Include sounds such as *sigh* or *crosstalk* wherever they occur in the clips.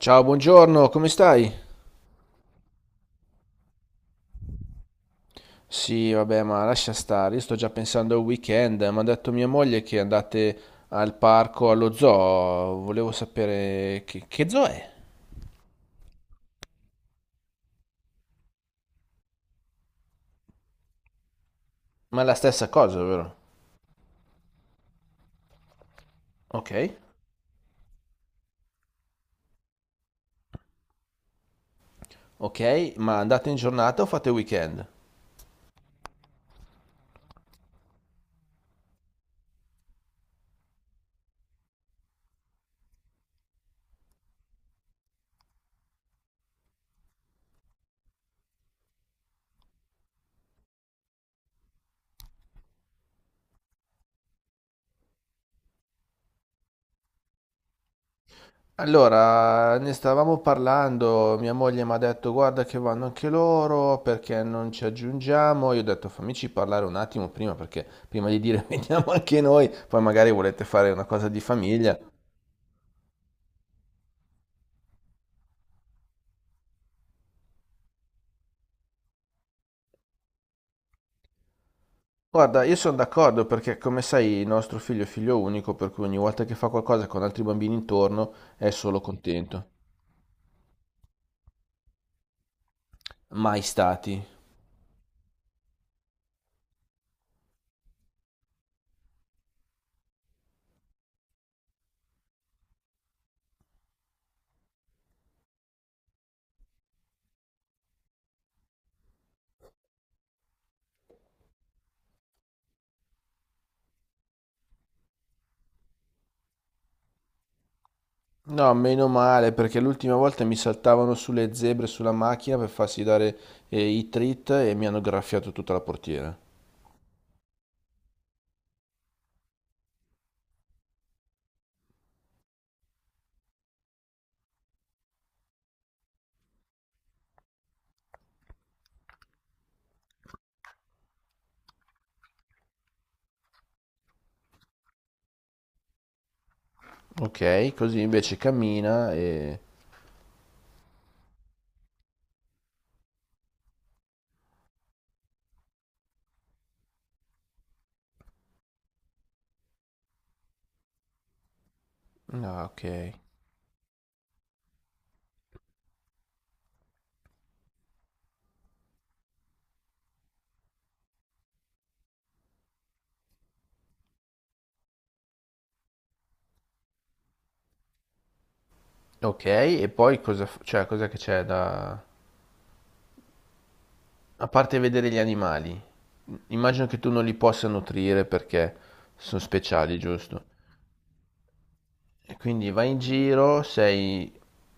Ciao, buongiorno, come stai? Sì, vabbè, ma lascia stare, io sto già pensando al weekend, mi ha detto mia moglie che andate al parco, allo zoo, volevo sapere che zoo è? Ma è la stessa cosa, vero? Ok, ok, ma andate in giornata o fate weekend? Allora, ne stavamo parlando, mia moglie mi ha detto guarda che vanno anche loro perché non ci aggiungiamo, io ho detto fammici parlare un attimo prima perché prima di dire *laughs* veniamo anche noi, poi magari volete fare una cosa di famiglia. Guarda, io sono d'accordo perché come sai il nostro figlio è figlio unico, per cui ogni volta che fa qualcosa con altri bambini intorno è solo contento. Mai stati. No, meno male perché l'ultima volta mi saltavano sulle zebre sulla macchina per farsi dare i treat e mi hanno graffiato tutta la portiera. Ok, così invece cammina e... Ah, ok. Ok, e poi cosa... cioè, cosa che c'è da... A parte vedere gli animali, immagino che tu non li possa nutrire perché sono speciali, giusto? E quindi vai in giro, sei...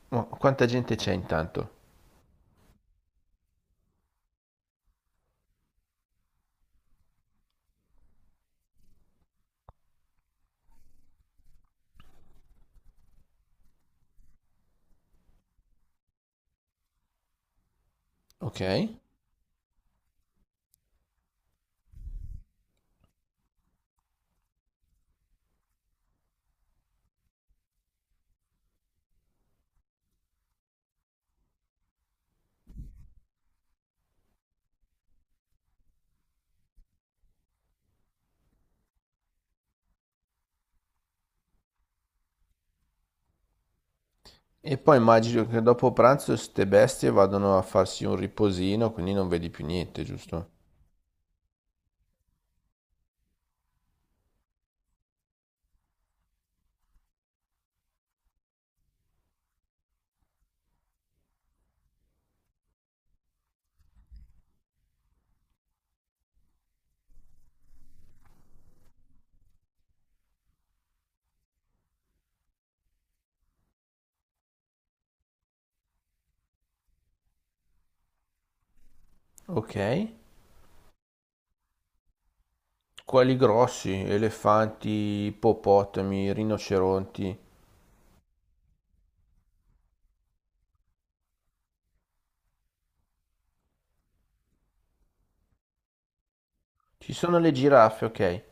ma quanta gente c'è intanto? Ok. E poi immagino che dopo pranzo ste bestie vadano a farsi un riposino, quindi non vedi più niente, giusto? Ok. Quali grossi? Elefanti, ippopotami, rinoceronti. Ci sono le giraffe, ok.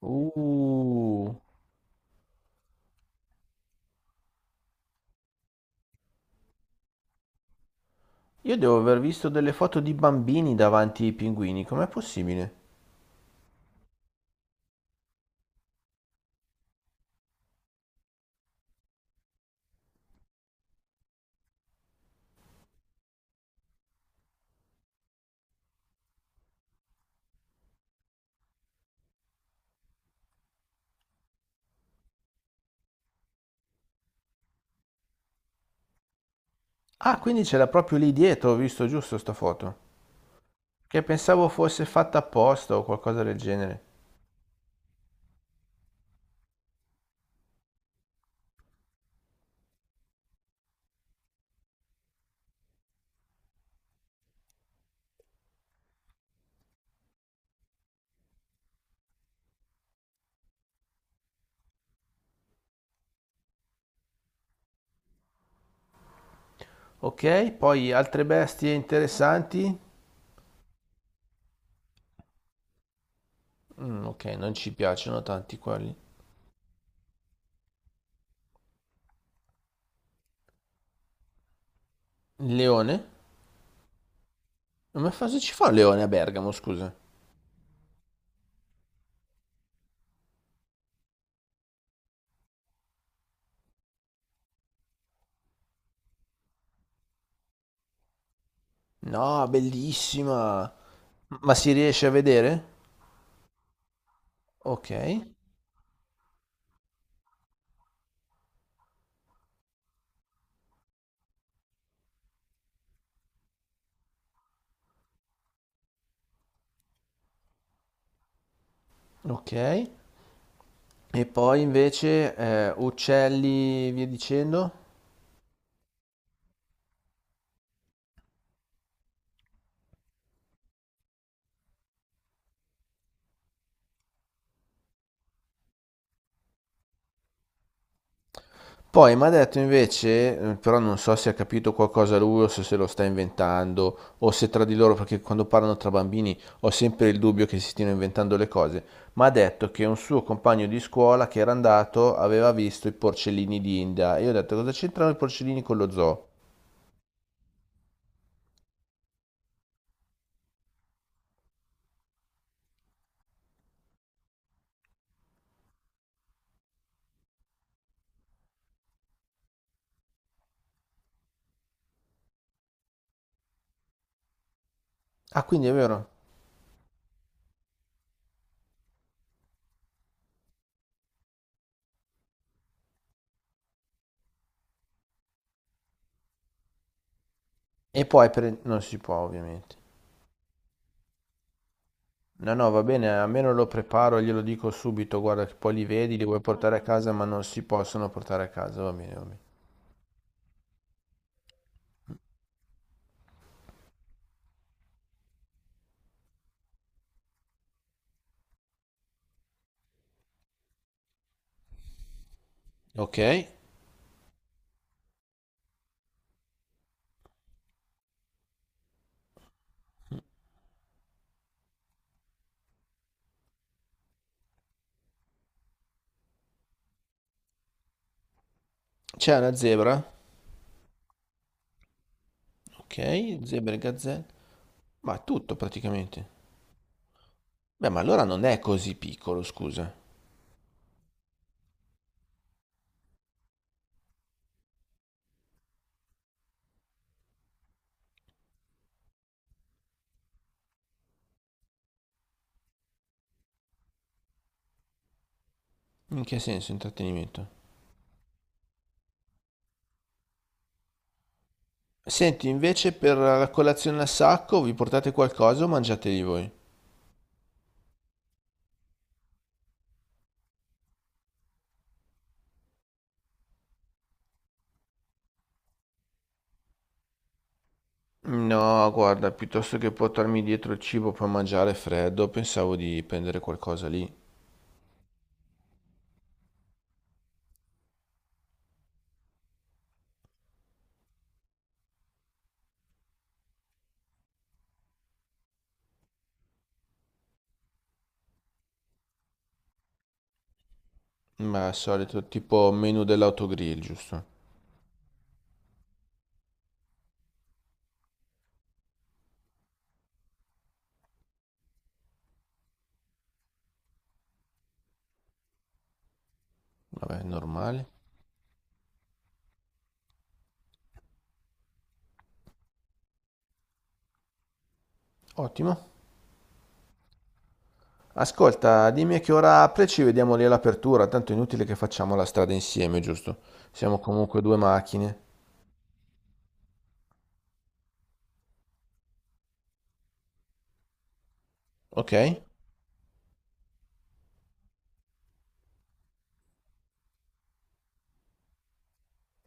Uh. Io devo aver visto delle foto di bambini davanti ai pinguini, com'è possibile? Ah, quindi ce l'ha proprio lì dietro, ho visto giusto sta foto. Che pensavo fosse fatta apposta o qualcosa del genere. Ok, poi altre bestie interessanti? Mm, ok, non ci piacciono tanti quelli. Leone? Ma cosa ci fa un leone a Bergamo, scusa? No, bellissima! Ma si riesce a vedere? Ok, ok. E poi invece uccelli, via dicendo? Poi mi ha detto invece, però non so se ha capito qualcosa lui o se se lo sta inventando o se tra di loro, perché quando parlano tra bambini ho sempre il dubbio che si stiano inventando le cose, mi ha detto che un suo compagno di scuola che era andato aveva visto i porcellini d'India e io ho detto cosa c'entrano i porcellini con lo zoo? Ah, quindi è vero? E poi non si può ovviamente. No, no, va bene, almeno lo preparo, glielo dico subito, guarda che poi li vedi, li vuoi portare a casa, ma non si possono portare a casa, va bene, va bene. Ok, c'è una zebra? Ok, zebre, gazzelle, ma tutto praticamente. Beh, ma allora non è così piccolo, scusa. In che senso intrattenimento? Senti, invece per la colazione a sacco vi portate qualcosa o mangiateli voi? No, guarda, piuttosto che portarmi dietro il cibo per mangiare freddo, pensavo di prendere qualcosa lì. Ma al solito tipo menu dell'autogrill, giusto? Vabbè, normale. Ottimo. Ascolta, dimmi a che ora apre e ci vediamo lì all'apertura, tanto è inutile che facciamo la strada insieme, giusto? Siamo comunque due macchine. Ok?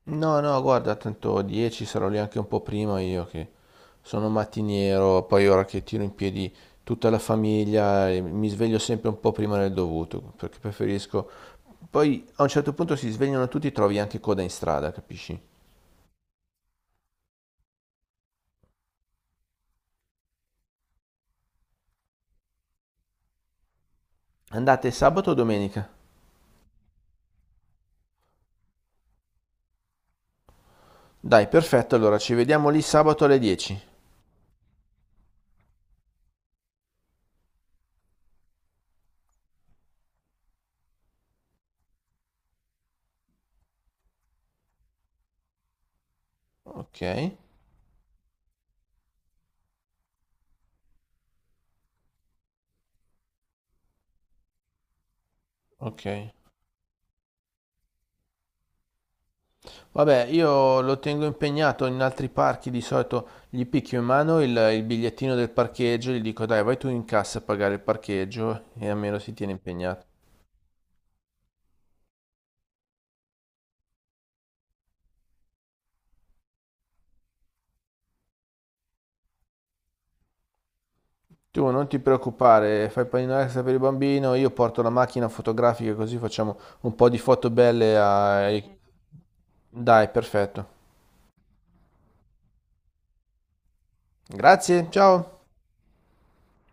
No, no, guarda, tanto 10 sarò lì anche un po' prima io che sono mattiniero, poi ora che tiro in piedi tutta la famiglia e mi sveglio sempre un po' prima del dovuto, perché preferisco... Poi a un certo punto si svegliano tutti e trovi anche coda in strada, capisci? Andate sabato o domenica? Dai, perfetto, allora ci vediamo lì sabato alle 10. Ok, ok. Vabbè, io lo tengo impegnato in altri parchi, di solito gli picchio in mano il bigliettino del parcheggio, gli dico dai, vai tu in cassa a pagare il parcheggio e almeno si tiene impegnato. Tu non ti preoccupare, fai panino extra per il bambino, io porto la macchina fotografica così facciamo un po' di foto belle ai... Dai, perfetto. Grazie, ciao!